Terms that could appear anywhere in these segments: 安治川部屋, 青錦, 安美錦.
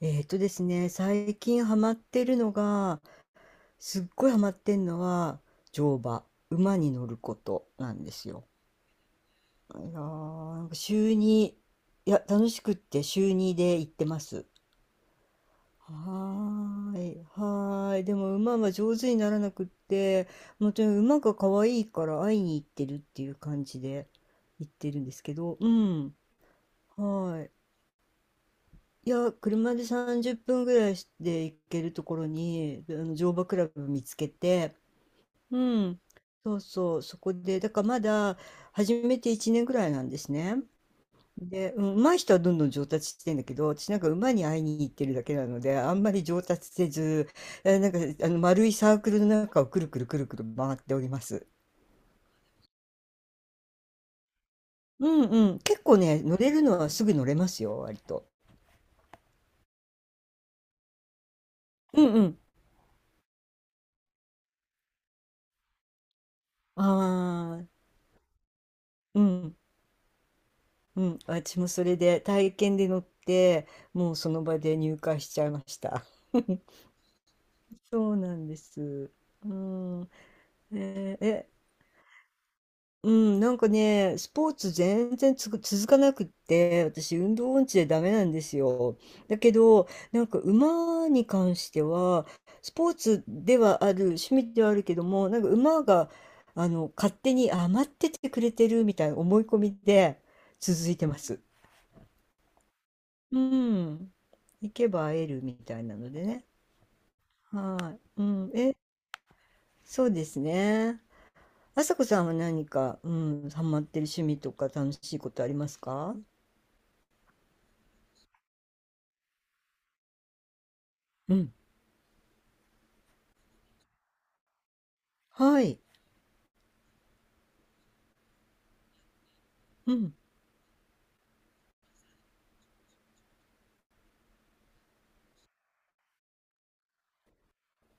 えーとですね、最近ハマってるのが、すっごいハマってんのは、乗馬、馬に乗ることなんですよ。いやー、なんか週に、いや、楽しくって週にで行ってます。はーい、はーい。でも馬は上手にならなくって、本当に馬が可愛いから会いに行ってるっていう感じで行ってるんですけど、うん、はーい。いや、車で30分ぐらいで行けるところに、あの乗馬クラブ見つけて、うん、そうそう、そこで、だからまだ始めて1年ぐらいなんですね。で、うん、上手い人はどんどん上達してんだけど、私なんか馬に会いに行ってるだけなので、あんまり上達せず、なんかあの丸いサークルの中をくるくるくるくる回っております。うんうん、結構ね、乗れるのはすぐ乗れますよ、割と。うんうん。ああ、うん。うん、私もそれで体験で乗って、もうその場で入会しちゃいました。そうなんです。うん、えーえ、うん、なんかね、スポーツ全然つく続かなくって、私運動音痴でダメなんですよ。だけど、なんか馬に関しては、スポーツではある、趣味ではあるけども、なんか馬が、勝手に余っててくれてるみたいな思い込みで続いてます。うん。行けば会えるみたいなのでね。はい。うん。え、そうですね。あさこさんは何か、ハマってる趣味とか楽しいことありますか？うん。はい。うん。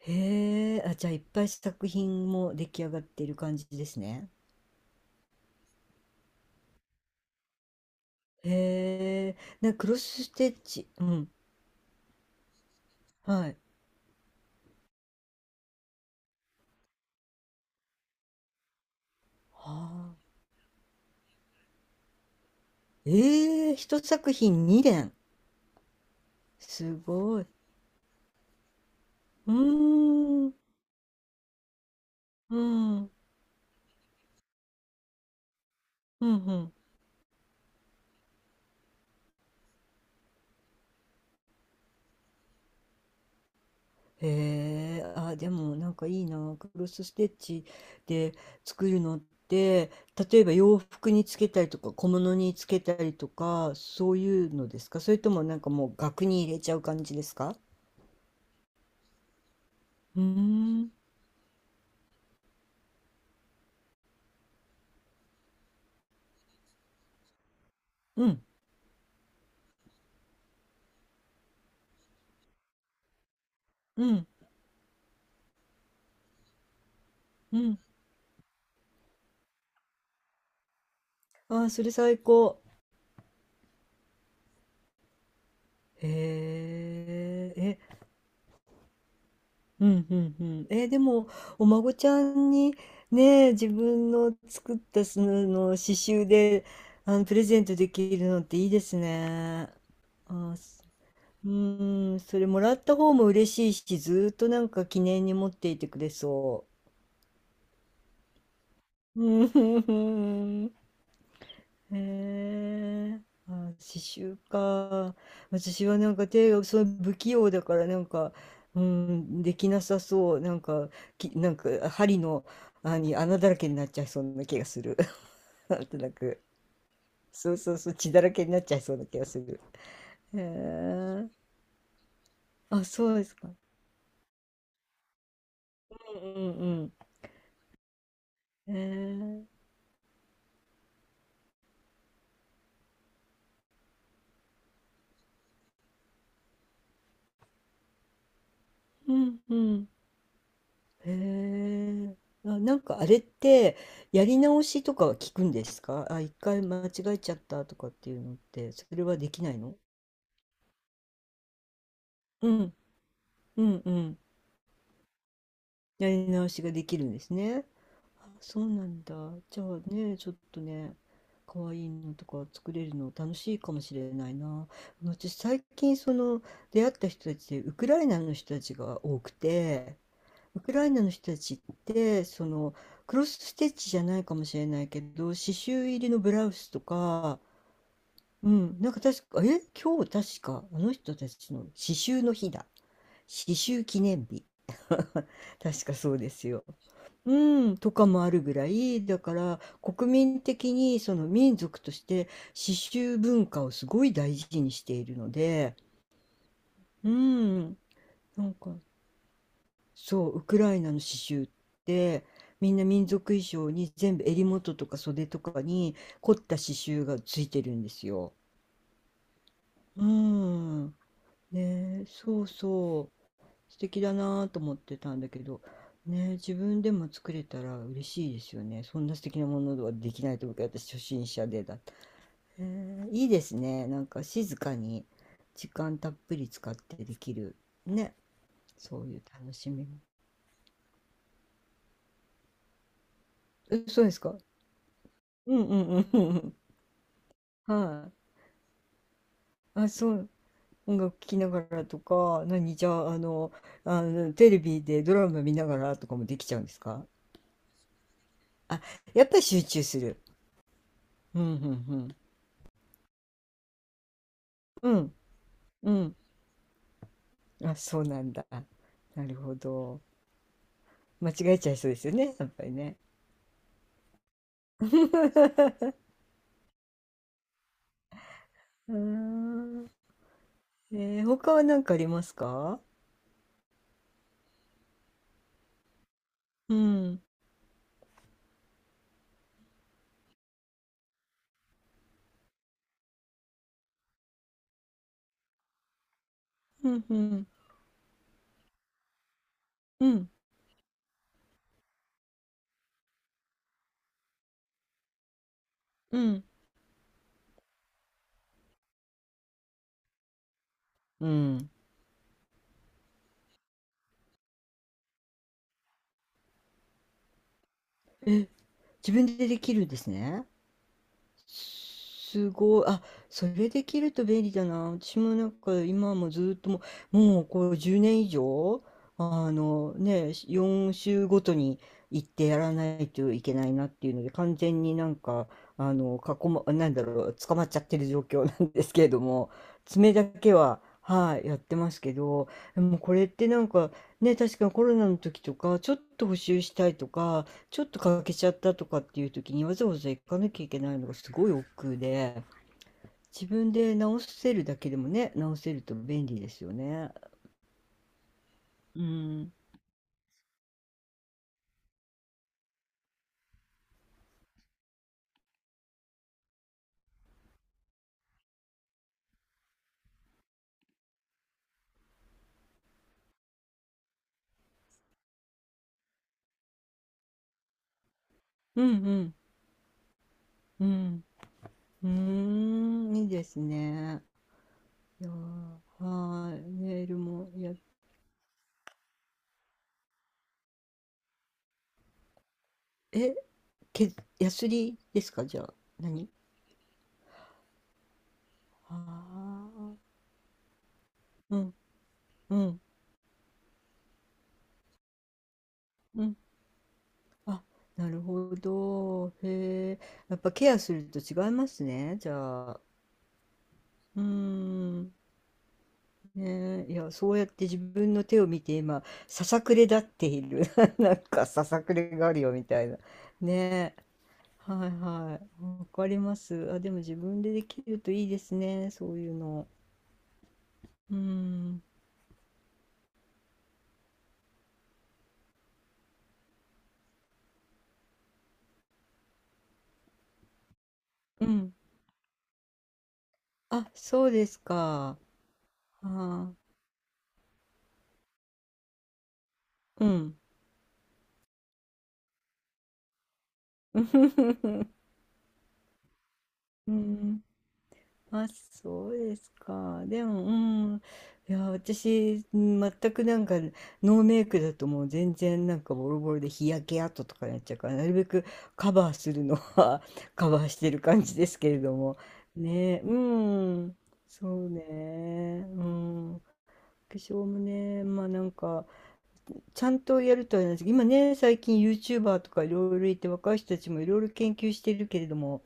へえ。あ、じゃあいっぱい作品も出来上がっている感じですね。へえ。クロスステッチ。うん。はい。はあ。ええ、一作品二連。すごい。うーん。うん。うんうん。へえ、あ、でもなんかいいな、クロスステッチで作るのって、例えば洋服につけたりとか小物につけたりとか、そういうのですか？それともなんかもう額に入れちゃう感じですか？うーん、うん、うん、うん。あー、それ最高。へえ、うんうんうん。えーでも、お孫ちゃんにね、自分の作ったその刺繍で、プレゼントできるのっていいですね。あ、すうーん、それもらった方も嬉しいし、ずーっとなんか記念に持っていてくれそう。うん。へえ、あ、刺繍か。私はなんか手がその不器用だからなんか、うん、できなさそう。なんか、なんか針の、あに穴だらけになっちゃいそうな気がする。なんとなく。そうそうそう、血だらけになっちゃいそうな気がする。へえ、あ、そうですか。うんうんうん。へえ、うんうん。へえ。あ、なんかあれって、やり直しとかは聞くんですかあ、一回間違えちゃったとかっていうのって、それはできないの？うん、うん、うん。やり直しができるんですね。あ、そうなんだ。じゃあね、ちょっとね、可愛いのとか作れるの楽しいかもしれないな。私最近その出会った人たちでウクライナの人たちが多くて、ウクライナの人たちってそのクロスステッチじゃないかもしれないけど刺繍入りのブラウスとか、うん、なんか確か今日確かあの人たちの刺繍の日だ刺繍記念日 確かそうですよ。うん、とかもあるぐらいだから国民的にその民族として刺繍文化をすごい大事にしているので、うん、なんかそう、ウクライナの刺繍ってみんな民族衣装に全部襟元とか袖とかに凝った刺繍がついてるんですよ。うん。ねえ、そうそう。素敵だなぁと思ってたんだけど、ねえ、自分でも作れたら嬉しいですよね。そんな素敵なものはできないと思うけど、私初心者でだった。えーいいですね。なんか静かに時間たっぷり使ってできるね。そういう楽しみも。え、そうですか。うんうんうんうん。はい。あ、そう、音楽聴きながらとか、何、じゃあ、あの、テレビでドラマ見ながらとかもできちゃうんですか？あ、やっぱり集中する。うん、うん、うん。うん、うん。あ、そうなんだ。なるほど。間違えちゃいそうですよね、やっぱりね。うーん。他は何かありますか？うん、うん、うん、うん、うん。うんえ、自分でできるんですね。すごい。あ、それできると便利だな。私もなんか今もずっともう、もうこう10年以上、あのね、4週ごとに行ってやらないといけないなっていうので、完全になんか、なんだろう、捕まっちゃってる状況なんですけれども、爪だけは、はい、やってますけど、でもこれってなんかね、確かコロナの時とか、ちょっと補修したいとか、ちょっと欠けちゃったとかっていう時にわざわざ行かなきゃいけないのがすごい億劫で、自分で直せるだけでもね、直せると便利ですよね。うん。うんうん。うん。うーん。いいですね。いやー、はーい。メールもや、え、け、ヤスリですかじゃあ、何ああ、うん、うん、うん。あ、なるほど。へえ。やっぱケアすると違いますね。じゃあ。うーん。ねえ、いや、そうやって自分の手を見て今、ささくれ立っている。なんかささくれがあるよみたいな。ねえ、はいはい。わかります。あ、でも自分でできるといいですね、そういうの。うん、うん。あ、そうですか。あー、うん。うん。あ、そうですか。でも、うん。いや、私、全くなんか、ノーメイクだともう全然なんかボロボロで日焼け跡とかになっちゃうから、なるべくカバーするのは カバーしてる感じですけれども。ね、うん。そうね。うん。化粧もね、まあなんか、ちゃんとやるとは言わないですけど、今ね、最近 YouTuber とかいろいろいて、若い人たちもいろいろ研究してるけれども、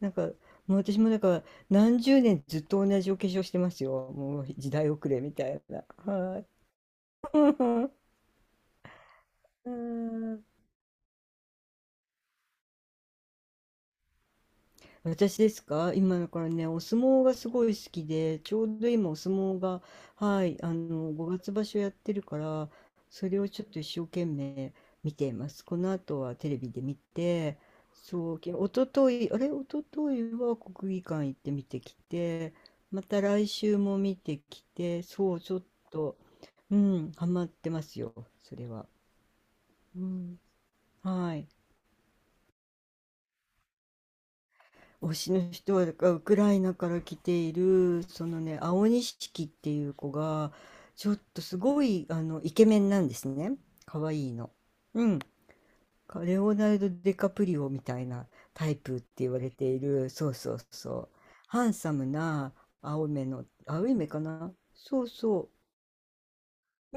なんか、もう私もだから何十年ずっと同じお化粧してますよ。もう時代遅れみたいな。はい。うん。私ですか？今だからね、お相撲がすごい好きで、ちょうど今お相撲が、はい、5月場所やってるから、それをちょっと一生懸命見ています。この後はテレビで見て、そう、きおととい、あれ、一昨日は国技館行って見てきて、また来週も見てきて、そう、ちょっと、うん、ハマってますよ、それは。うん、はい。推しの人はだからウクライナから来ているそのね青錦っていう子がちょっとすごいあのイケメンなんですね可愛いの。うんかレオナルド・デカプリオみたいなタイプって言われているそうそうそうハンサムな青目の青い目かなそうそう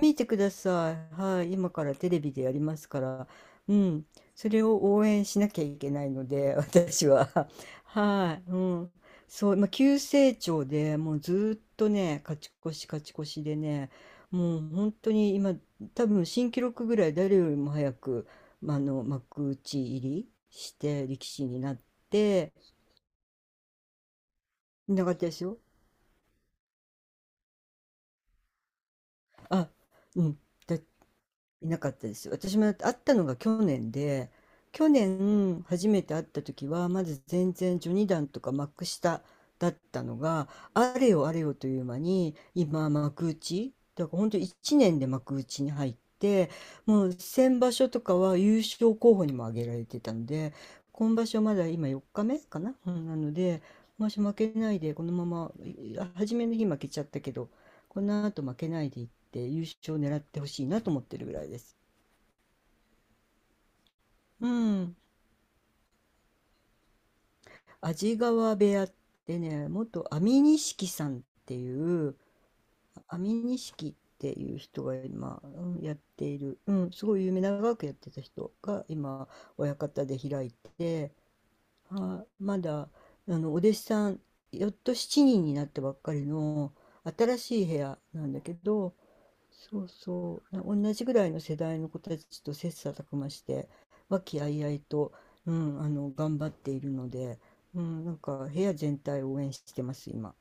見てください。はい。今からテレビでやりますから。うん。それを応援しなきゃいけないので、私は。はい。うん。そう、まあ、急成長でもうずーっとね、勝ち越し勝ち越しでね、もう本当に今、多分新記録ぐらい誰よりも早く、まあ幕内入りして力士になって、いなかったですよ。あ、うん。いなかったです。私も会ったのが去年で、去年初めて会った時は、まず全然序二段とか幕下だったのが、あれよあれよという間に、今幕内、だから本当1年で幕内に入って、もう先場所とかは優勝候補にも挙げられてたので、今場所まだ今4日目かな、うん、なので、もし負けないでこのままい初めの日負けちゃったけどこの後負けないでいって優勝を狙ってほしいなと思ってるぐらいです。うん。安治川部屋ってね、元安美錦さんっていう、安美錦っていう人が今、うん、やっている、うん、すごい有名、長くやってた人が今、親方で開いて、あ、まだ、お弟子さん、よっと7人にんになったばっかりの新しい部屋なんだけど、そうそう、な同じぐらいの世代の子たちと切磋琢磨して、和気あいあいと、うん、頑張っているので、うん、なんか部屋全体を応援してます、今。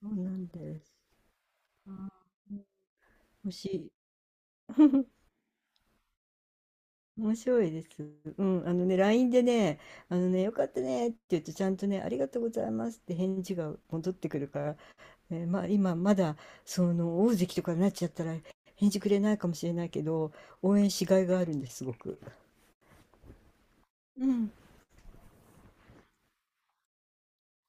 そうなんです。あもし、面白いです。うん、あのね、LINE でね、あのね、よかったねって言うと、ちゃんとね、ありがとうございますって返事が戻ってくるから、まあ今、まだ、その、大関とかになっちゃったら、返事くれないかもしれないけど、応援しがいがあるんです、すごく。うん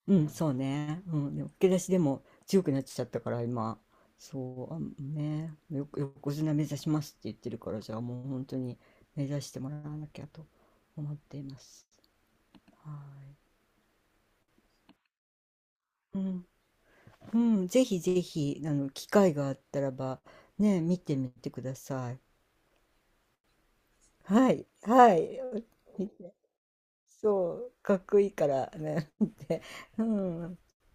うん、そうね。うん、でも、受け出しでも強くなっちゃったから、今。そう、あね、よ、横綱目指しますって言ってるから、じゃあもう本当に目指してもらわなきゃと思っています。はい。うん、うん、ぜひぜひ、機会があったらば、ね、見てみてください。はい、はい。そう、かっこいいからね。ってうん